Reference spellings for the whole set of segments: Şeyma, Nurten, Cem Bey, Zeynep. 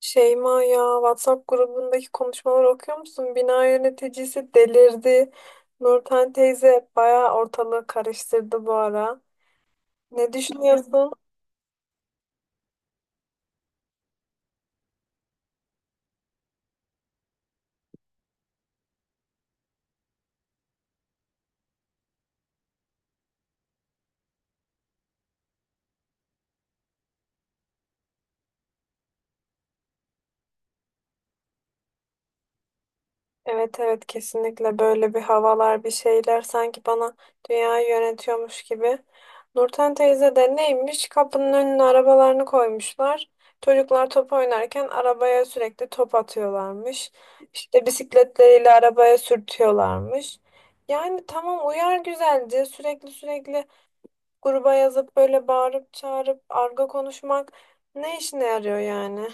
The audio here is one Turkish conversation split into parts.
Şeyma ya WhatsApp grubundaki konuşmaları okuyor musun? Bina yöneticisi delirdi. Nurten teyze bayağı ortalığı karıştırdı bu ara. Ne düşünüyorsun? Evet evet, kesinlikle böyle bir havalar bir şeyler sanki bana dünyayı yönetiyormuş gibi. Nurten teyze de neymiş kapının önüne arabalarını koymuşlar. Çocuklar top oynarken arabaya sürekli top atıyorlarmış. İşte bisikletleriyle arabaya sürtüyorlarmış. Yani tamam uyar güzelce, sürekli sürekli gruba yazıp böyle bağırıp çağırıp argo konuşmak ne işine yarıyor yani?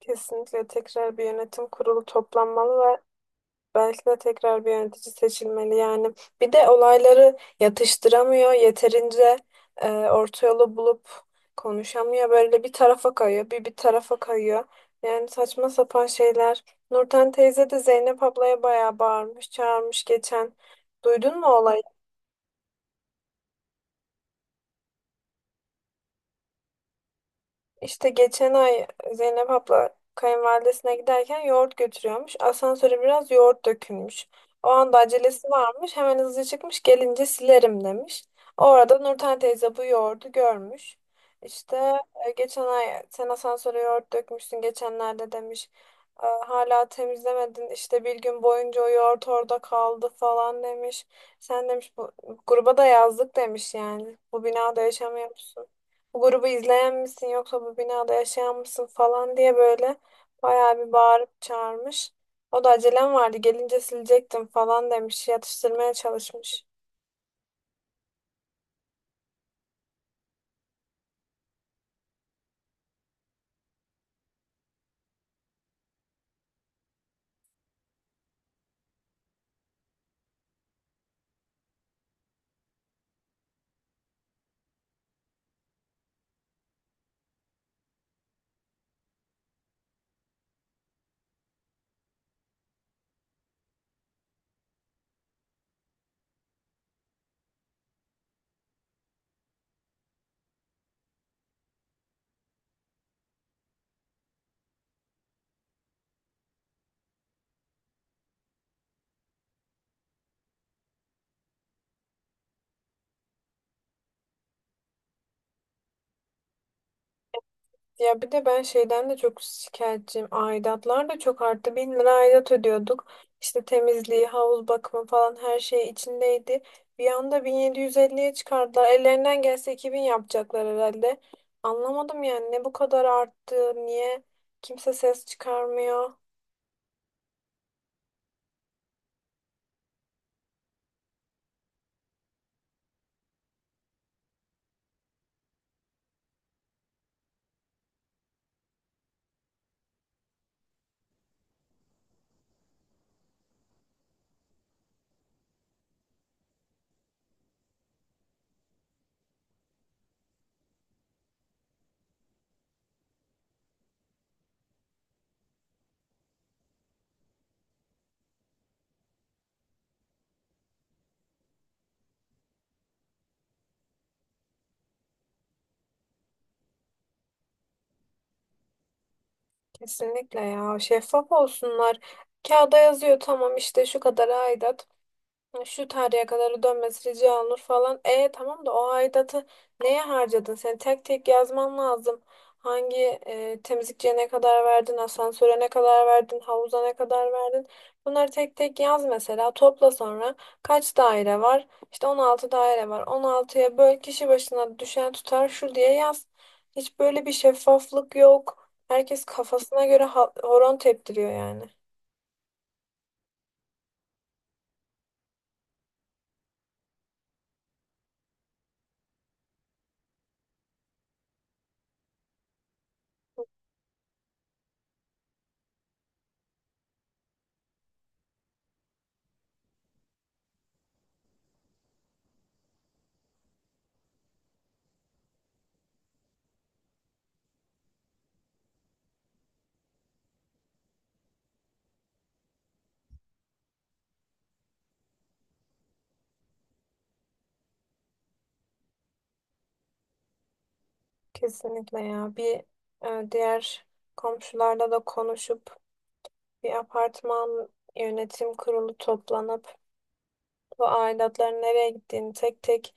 Kesinlikle tekrar bir yönetim kurulu toplanmalı. Belki de tekrar bir yönetici seçilmeli yani. Bir de olayları yatıştıramıyor, yeterince orta yolu bulup konuşamıyor. Böyle bir tarafa kayıyor, bir tarafa kayıyor. Yani saçma sapan şeyler. Nurten teyze de Zeynep ablaya bayağı bağırmış, çağırmış geçen. Duydun mu olayı? İşte geçen ay Zeynep abla kayınvalidesine giderken yoğurt götürüyormuş. Asansöre biraz yoğurt dökülmüş. O anda acelesi varmış. Hemen hızlı çıkmış. Gelince silerim demiş. O arada Nurten teyze bu yoğurdu görmüş. İşte geçen ay sen asansöre yoğurt dökmüşsün geçenlerde demiş. "E, hala temizlemedin işte bir gün boyunca o yoğurt orada kaldı falan demiş. Sen demiş bu gruba da yazdık demiş yani. Bu binada yaşamıyorsun, bu grubu izleyen misin yoksa bu binada yaşayan mısın falan diye böyle bayağı bir bağırıp çağırmış. O da acelem vardı gelince silecektim falan demiş, yatıştırmaya çalışmış. Ya bir de ben şeyden de çok şikayetçiyim. Aidatlar da çok arttı. 1.000 lira aidat ödüyorduk. İşte temizliği, havuz bakımı falan her şey içindeydi. Bir anda 1.750'ye çıkardılar. Ellerinden gelse 2.000 yapacaklar herhalde. Anlamadım yani, ne bu kadar arttı, niye kimse ses çıkarmıyor. Kesinlikle ya, şeffaf olsunlar. Kağıda yazıyor tamam, işte şu kadar aidat, şu tarihe kadar ödenmesi rica olunur falan. E tamam da o aidatı neye harcadın? Sen tek tek yazman lazım. Hangi temizlikçiye ne kadar verdin, asansöre ne kadar verdin, havuza ne kadar verdin? Bunları tek tek yaz mesela, topla sonra kaç daire var? İşte 16 daire var. 16'ya böl, kişi başına düşen tutar şu diye yaz. Hiç böyle bir şeffaflık yok. Herkes kafasına göre horon teptiriyor yani. Kesinlikle ya. Bir diğer komşularla da konuşup bir apartman yönetim kurulu toplanıp bu aidatların nereye gittiğini tek tek,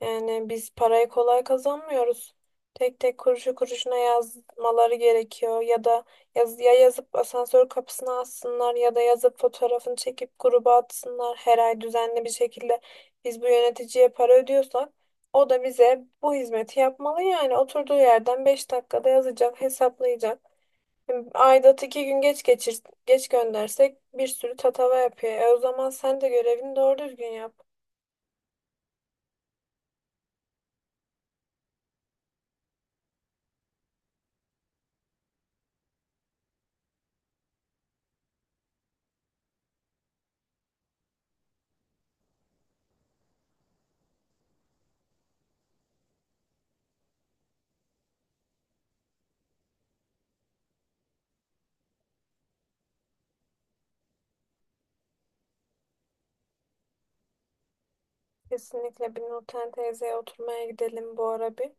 yani biz parayı kolay kazanmıyoruz. Tek tek kuruşu kuruşuna yazmaları gerekiyor. Ya da yaz, ya yazıp asansör kapısına assınlar ya da yazıp fotoğrafını çekip gruba atsınlar her ay düzenli bir şekilde. Biz bu yöneticiye para ödüyorsak o da bize bu hizmeti yapmalı yani. Oturduğu yerden 5 dakikada yazacak, hesaplayacak. Aidat 2 gün geç geçir, geç göndersek bir sürü tatava yapıyor. E o zaman sen de görevini doğru düzgün yap. Kesinlikle bir Nurten teyzeye oturmaya gidelim bu ara bir.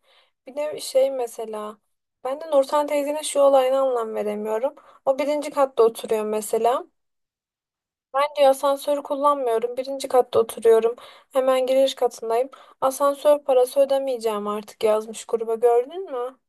Bir de şey mesela, ben de Nurten teyzenin şu olayına anlam veremiyorum. O birinci katta oturuyor mesela. Ben diyor asansörü kullanmıyorum. Birinci katta oturuyorum. Hemen giriş katındayım. Asansör parası ödemeyeceğim artık yazmış gruba, gördün mü?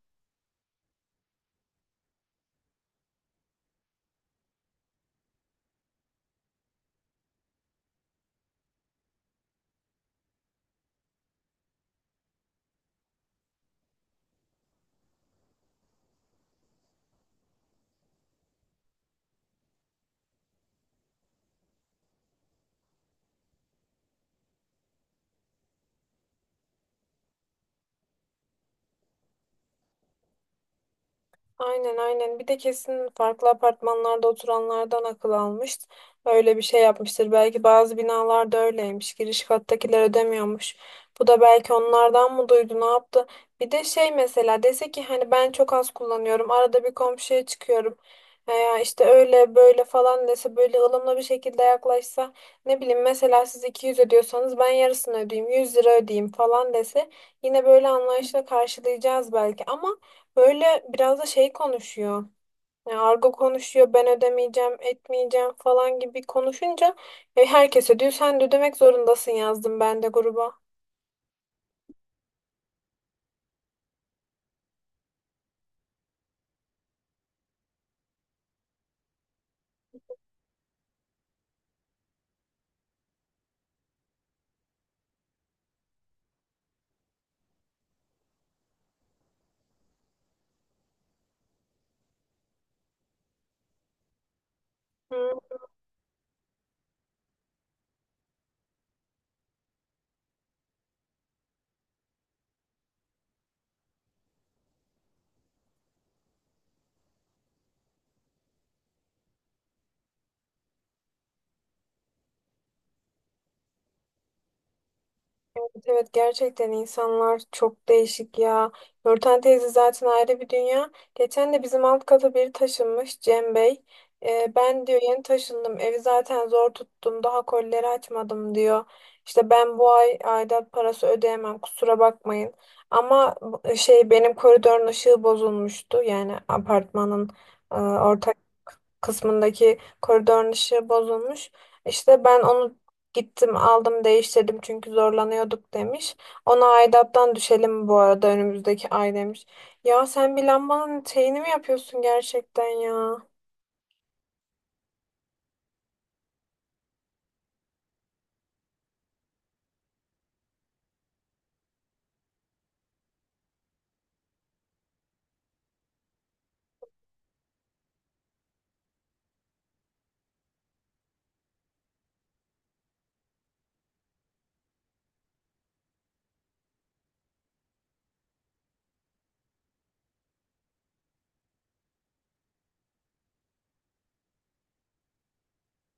Aynen aynen. Bir de kesin farklı apartmanlarda oturanlardan akıl almış. Öyle bir şey yapmıştır. Belki bazı binalarda öyleymiş. Giriş kattakiler ödemiyormuş. Bu da belki onlardan mı duydu, ne yaptı? Bir de şey mesela dese ki hani ben çok az kullanıyorum. Arada bir komşuya çıkıyorum. Veya işte öyle böyle falan dese, böyle ılımlı bir şekilde yaklaşsa, ne bileyim mesela siz 200 ödüyorsanız ben yarısını ödeyeyim, 100 lira ödeyeyim falan dese yine böyle anlayışla karşılayacağız belki, ama böyle biraz da şey konuşuyor. Yani argo konuşuyor, ben ödemeyeceğim, etmeyeceğim falan gibi konuşunca herkese diyor sen de ödemek zorundasın, yazdım ben de gruba. Hmm. Evet evet, gerçekten insanlar çok değişik ya. Nurten teyze zaten ayrı bir dünya. Geçen de bizim alt kata biri taşınmış, Cem Bey. Ben diyor yeni taşındım, evi zaten zor tuttum, daha kolileri açmadım diyor. İşte ben bu ay aidat parası ödeyemem, kusura bakmayın. Ama benim koridorun ışığı bozulmuştu, yani apartmanın ortak kısmındaki koridorun ışığı bozulmuş. İşte ben onu gittim aldım değiştirdim çünkü zorlanıyorduk demiş. Ona aidattan düşelim bu arada önümüzdeki ay demiş. Ya sen bir lambanın şeyini mi yapıyorsun gerçekten ya?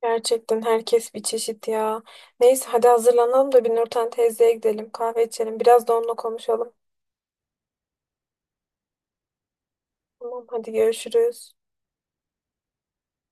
Gerçekten herkes bir çeşit ya. Neyse hadi hazırlanalım da bir Nurten teyzeye gidelim, kahve içelim, biraz da onunla konuşalım. Tamam hadi, görüşürüz.